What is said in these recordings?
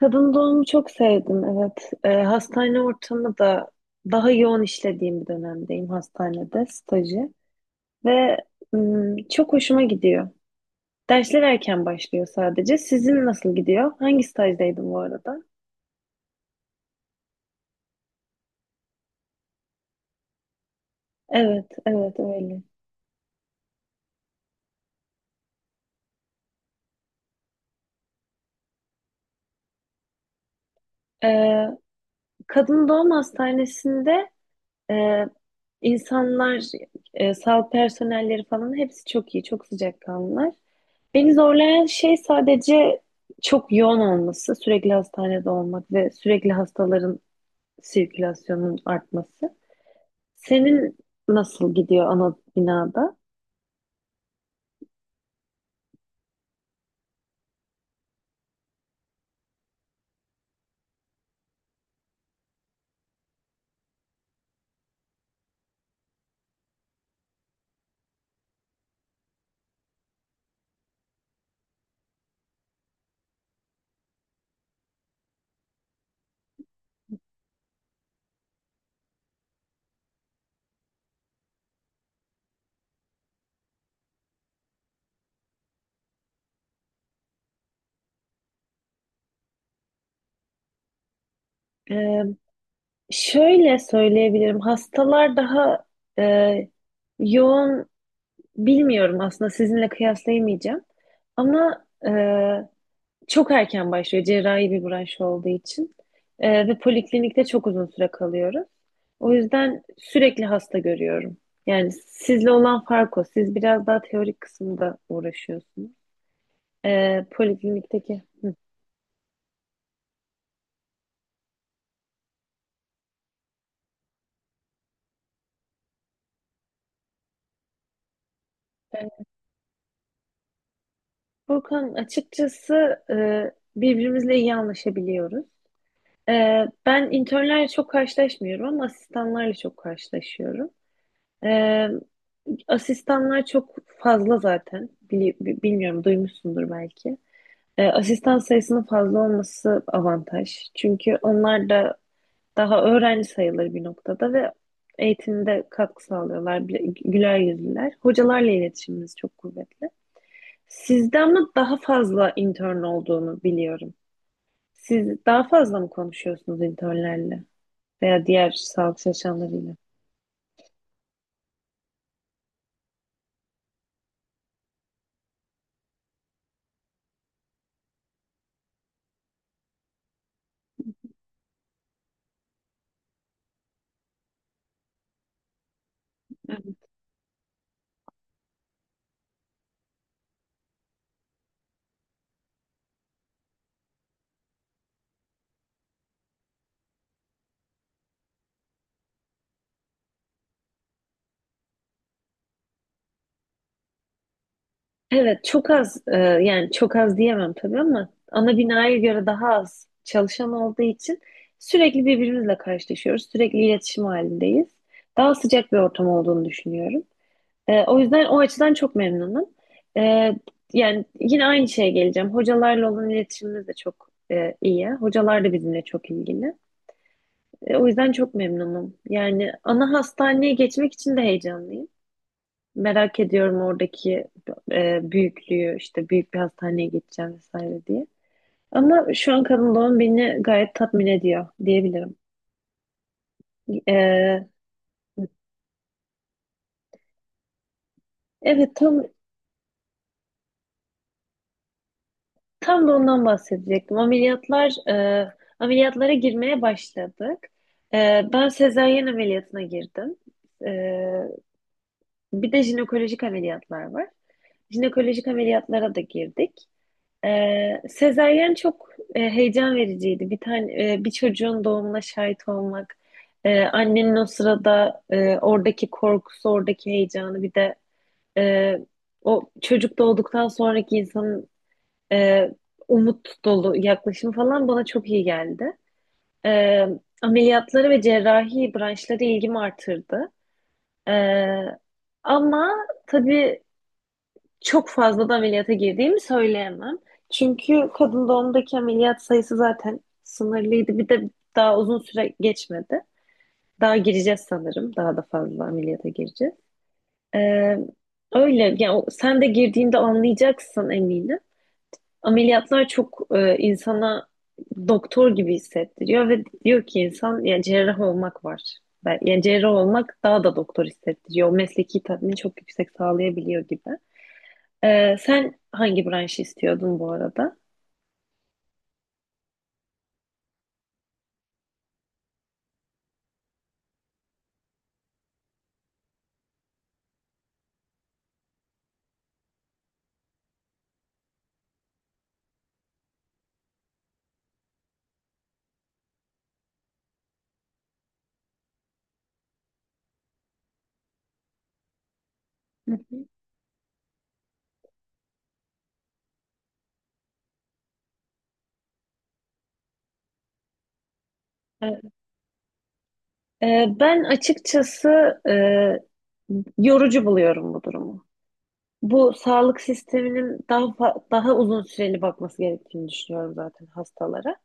Kadın doğumu çok sevdim, evet. Hastane ortamı da daha yoğun işlediğim bir dönemdeyim hastanede, stajı. Ve çok hoşuma gidiyor. Dersler erken başlıyor sadece. Sizin nasıl gidiyor? Hangi stajdaydın bu arada? Evet, evet öyle. Ee, kadın doğum hastanesinde e, insanlar, sağlık personelleri falan hepsi çok iyi, çok sıcakkanlılar. Beni zorlayan şey sadece çok yoğun olması, sürekli hastanede olmak ve sürekli hastaların sirkülasyonun artması. Senin nasıl gidiyor ana binada? Ee, şöyle söyleyebilirim. Hastalar daha e, yoğun bilmiyorum aslında sizinle kıyaslayamayacağım. Ama çok erken başlıyor cerrahi bir branş olduğu için. Ve poliklinikte çok uzun süre kalıyoruz. O yüzden sürekli hasta görüyorum. Yani sizle olan fark o. Siz biraz daha teorik kısımda uğraşıyorsunuz. Poliklinikteki. Hı. Furkan, açıkçası birbirimizle iyi anlaşabiliyoruz. Ben internlerle çok karşılaşmıyorum ama asistanlarla çok karşılaşıyorum. Ee, asistanlar çok fazla zaten. Bilmiyorum duymuşsundur belki. Asistan sayısının fazla olması avantaj. Çünkü onlar da daha öğrenci sayılır bir noktada ve eğitimde katkı sağlıyorlar. Güler yüzlüler. Hocalarla iletişimimiz çok kuvvetli. Sizde ama daha fazla intern olduğunu biliyorum. Siz daha fazla mı konuşuyorsunuz internlerle veya diğer sağlık çalışanlarıyla? Evet. Evet, çok az yani çok az diyemem tabii ama ana binaya göre daha az çalışan olduğu için sürekli birbirimizle karşılaşıyoruz. Sürekli iletişim halindeyiz. Daha sıcak bir ortam olduğunu düşünüyorum. O yüzden o açıdan çok memnunum. Ee, yani yine aynı şeye geleceğim. Hocalarla olan iletişimimiz de çok iyi. Hocalar da bizimle çok ilgili. O yüzden çok memnunum. Yani ana hastaneye geçmek için de heyecanlıyım. Merak ediyorum oradaki büyüklüğü, işte büyük bir hastaneye geçeceğim vesaire diye. Ama şu an kadın doğum beni gayet tatmin ediyor diyebilirim. E, evet tam Tam da ondan bahsedecektim. Ameliyatlar, ameliyatlara girmeye başladık. E, ben sezaryen ameliyatına girdim. E, bir de jinekolojik ameliyatlar var. Jinekolojik ameliyatlara da girdik. E, sezaryen çok heyecan vericiydi. Bir tane bir çocuğun doğumuna şahit olmak, annenin o sırada oradaki korkusu, oradaki heyecanı, bir de e, o çocuk doğduktan sonraki insanın e, umut dolu yaklaşım falan bana çok iyi geldi. E, ameliyatları ve cerrahi branşları ilgimi artırdı. E, ama tabii çok fazla da ameliyata girdiğimi söyleyemem. Çünkü kadın doğumdaki ameliyat sayısı zaten sınırlıydı. Bir de daha uzun süre geçmedi. Daha gireceğiz sanırım. Daha da fazla ameliyata gireceğiz. E, öyle. Yani sen de girdiğinde anlayacaksın eminim. Ameliyatlar çok insana doktor gibi hissettiriyor ve diyor ki insan yani cerrah olmak var. Yani cerrah olmak daha da doktor hissettiriyor. O mesleki tatmini çok yüksek sağlayabiliyor gibi. Sen hangi branşı istiyordun bu arada? Hı hı. Evet. Ben açıkçası e, yorucu buluyorum bu durumu. Bu sağlık sisteminin daha uzun süreli bakması gerektiğini düşünüyorum zaten hastalara.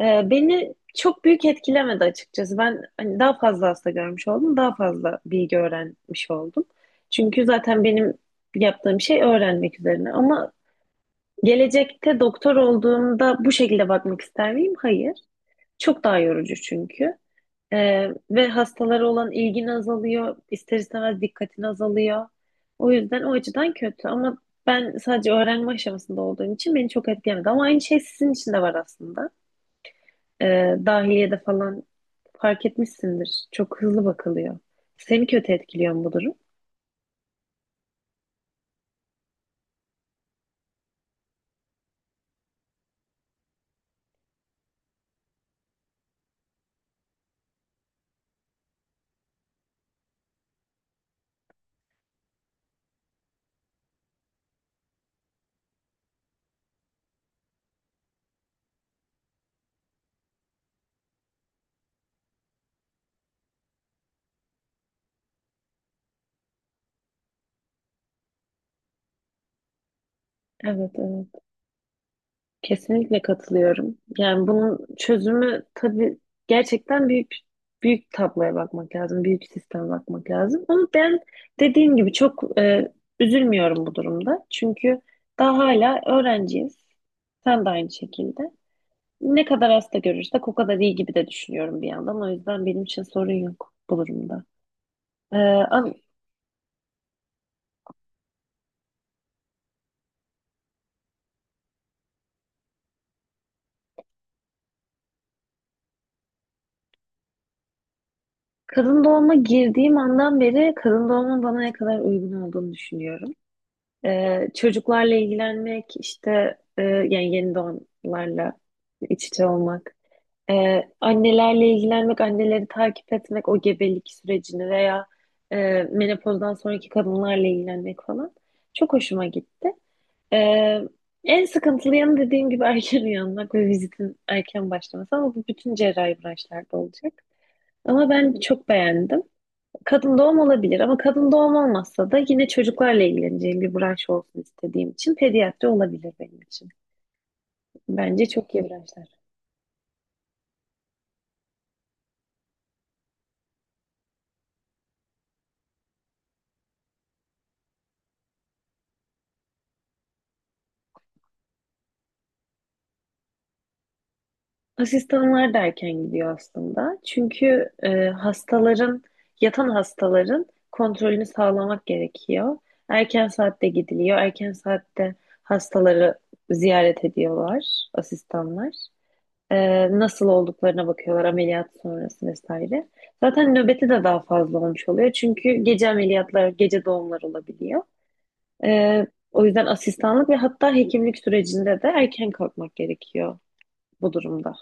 Beni çok büyük etkilemedi açıkçası. Ben hani daha fazla hasta görmüş oldum, daha fazla bilgi öğrenmiş oldum. Çünkü zaten benim yaptığım şey öğrenmek üzerine. Ama gelecekte doktor olduğumda bu şekilde bakmak ister miyim? Hayır. Çok daha yorucu çünkü. Ve hastalara olan ilgin azalıyor, ister istemez dikkatin azalıyor. O yüzden o açıdan kötü. Ama ben sadece öğrenme aşamasında olduğum için beni çok etkilemedi. Ama aynı şey sizin için de var aslında, e, dahiliyede falan fark etmişsindir. Çok hızlı bakılıyor. Seni kötü etkiliyor mu bu durum? Evet, evet. Kesinlikle katılıyorum. Yani bunun çözümü tabii gerçekten büyük tabloya bakmak lazım, büyük sisteme bakmak lazım. Ama ben dediğim gibi çok üzülmüyorum bu durumda. Çünkü daha hala öğrenciyiz. Sen de aynı şekilde. Ne kadar hasta görürsek o kadar iyi gibi de düşünüyorum bir yandan. O yüzden benim için sorun yok bu durumda. E, ama kadın doğuma girdiğim andan beri kadın doğumun bana ne kadar uygun olduğunu düşünüyorum. Çocuklarla ilgilenmek işte yani yeni doğanlarla iç içe olmak. Annelerle ilgilenmek, anneleri takip etmek, o gebelik sürecini veya e, menopozdan sonraki kadınlarla ilgilenmek falan çok hoşuma gitti. Ee, en sıkıntılı yanı dediğim gibi erken uyanmak ve vizitin erken başlaması ama bu bütün cerrahi branşlarda olacak. Ama ben çok beğendim. Kadın doğum olabilir ama kadın doğum olmazsa da yine çocuklarla ilgileneceğim bir branş olsun istediğim için pediatri olabilir benim için. Bence çok iyi branşlar. Asistanlar da erken gidiyor aslında. Çünkü yatan hastaların kontrolünü sağlamak gerekiyor. Erken saatte gidiliyor. Erken saatte hastaları ziyaret ediyorlar asistanlar. Nasıl olduklarına bakıyorlar ameliyat sonrası vesaire. Zaten nöbeti de daha fazla olmuş oluyor. Çünkü gece ameliyatlar, gece doğumlar olabiliyor. O yüzden asistanlık ve hatta hekimlik sürecinde de erken kalkmak gerekiyor bu durumda.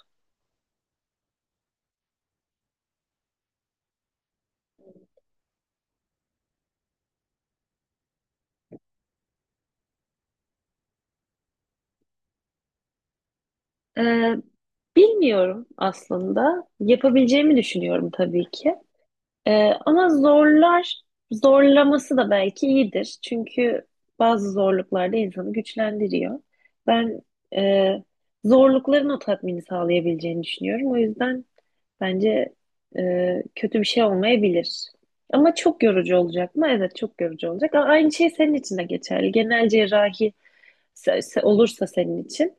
Ee, bilmiyorum aslında. Yapabileceğimi düşünüyorum tabii ki. Ama zorlaması da belki iyidir. Çünkü bazı zorluklar da insanı güçlendiriyor. Ben e, zorlukların o tatmini sağlayabileceğini düşünüyorum. O yüzden bence kötü bir şey olmayabilir. Ama çok yorucu olacak mı? Evet, çok yorucu olacak. Aynı şey senin için de geçerli. Genel cerrahi olursa senin için,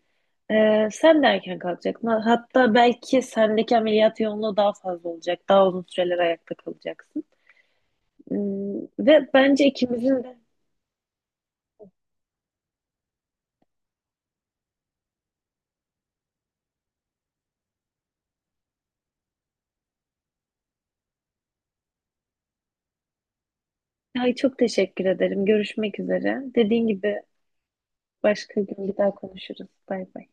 sen de erken kalkacaksın. Hatta belki sendeki ameliyat yoğunluğu daha fazla olacak. Daha uzun süreler ayakta kalacaksın. Hmm. Ve bence ikimizin de... Ay, çok teşekkür ederim. Görüşmek üzere. Dediğin gibi başka gün bir daha konuşuruz. Bay bay.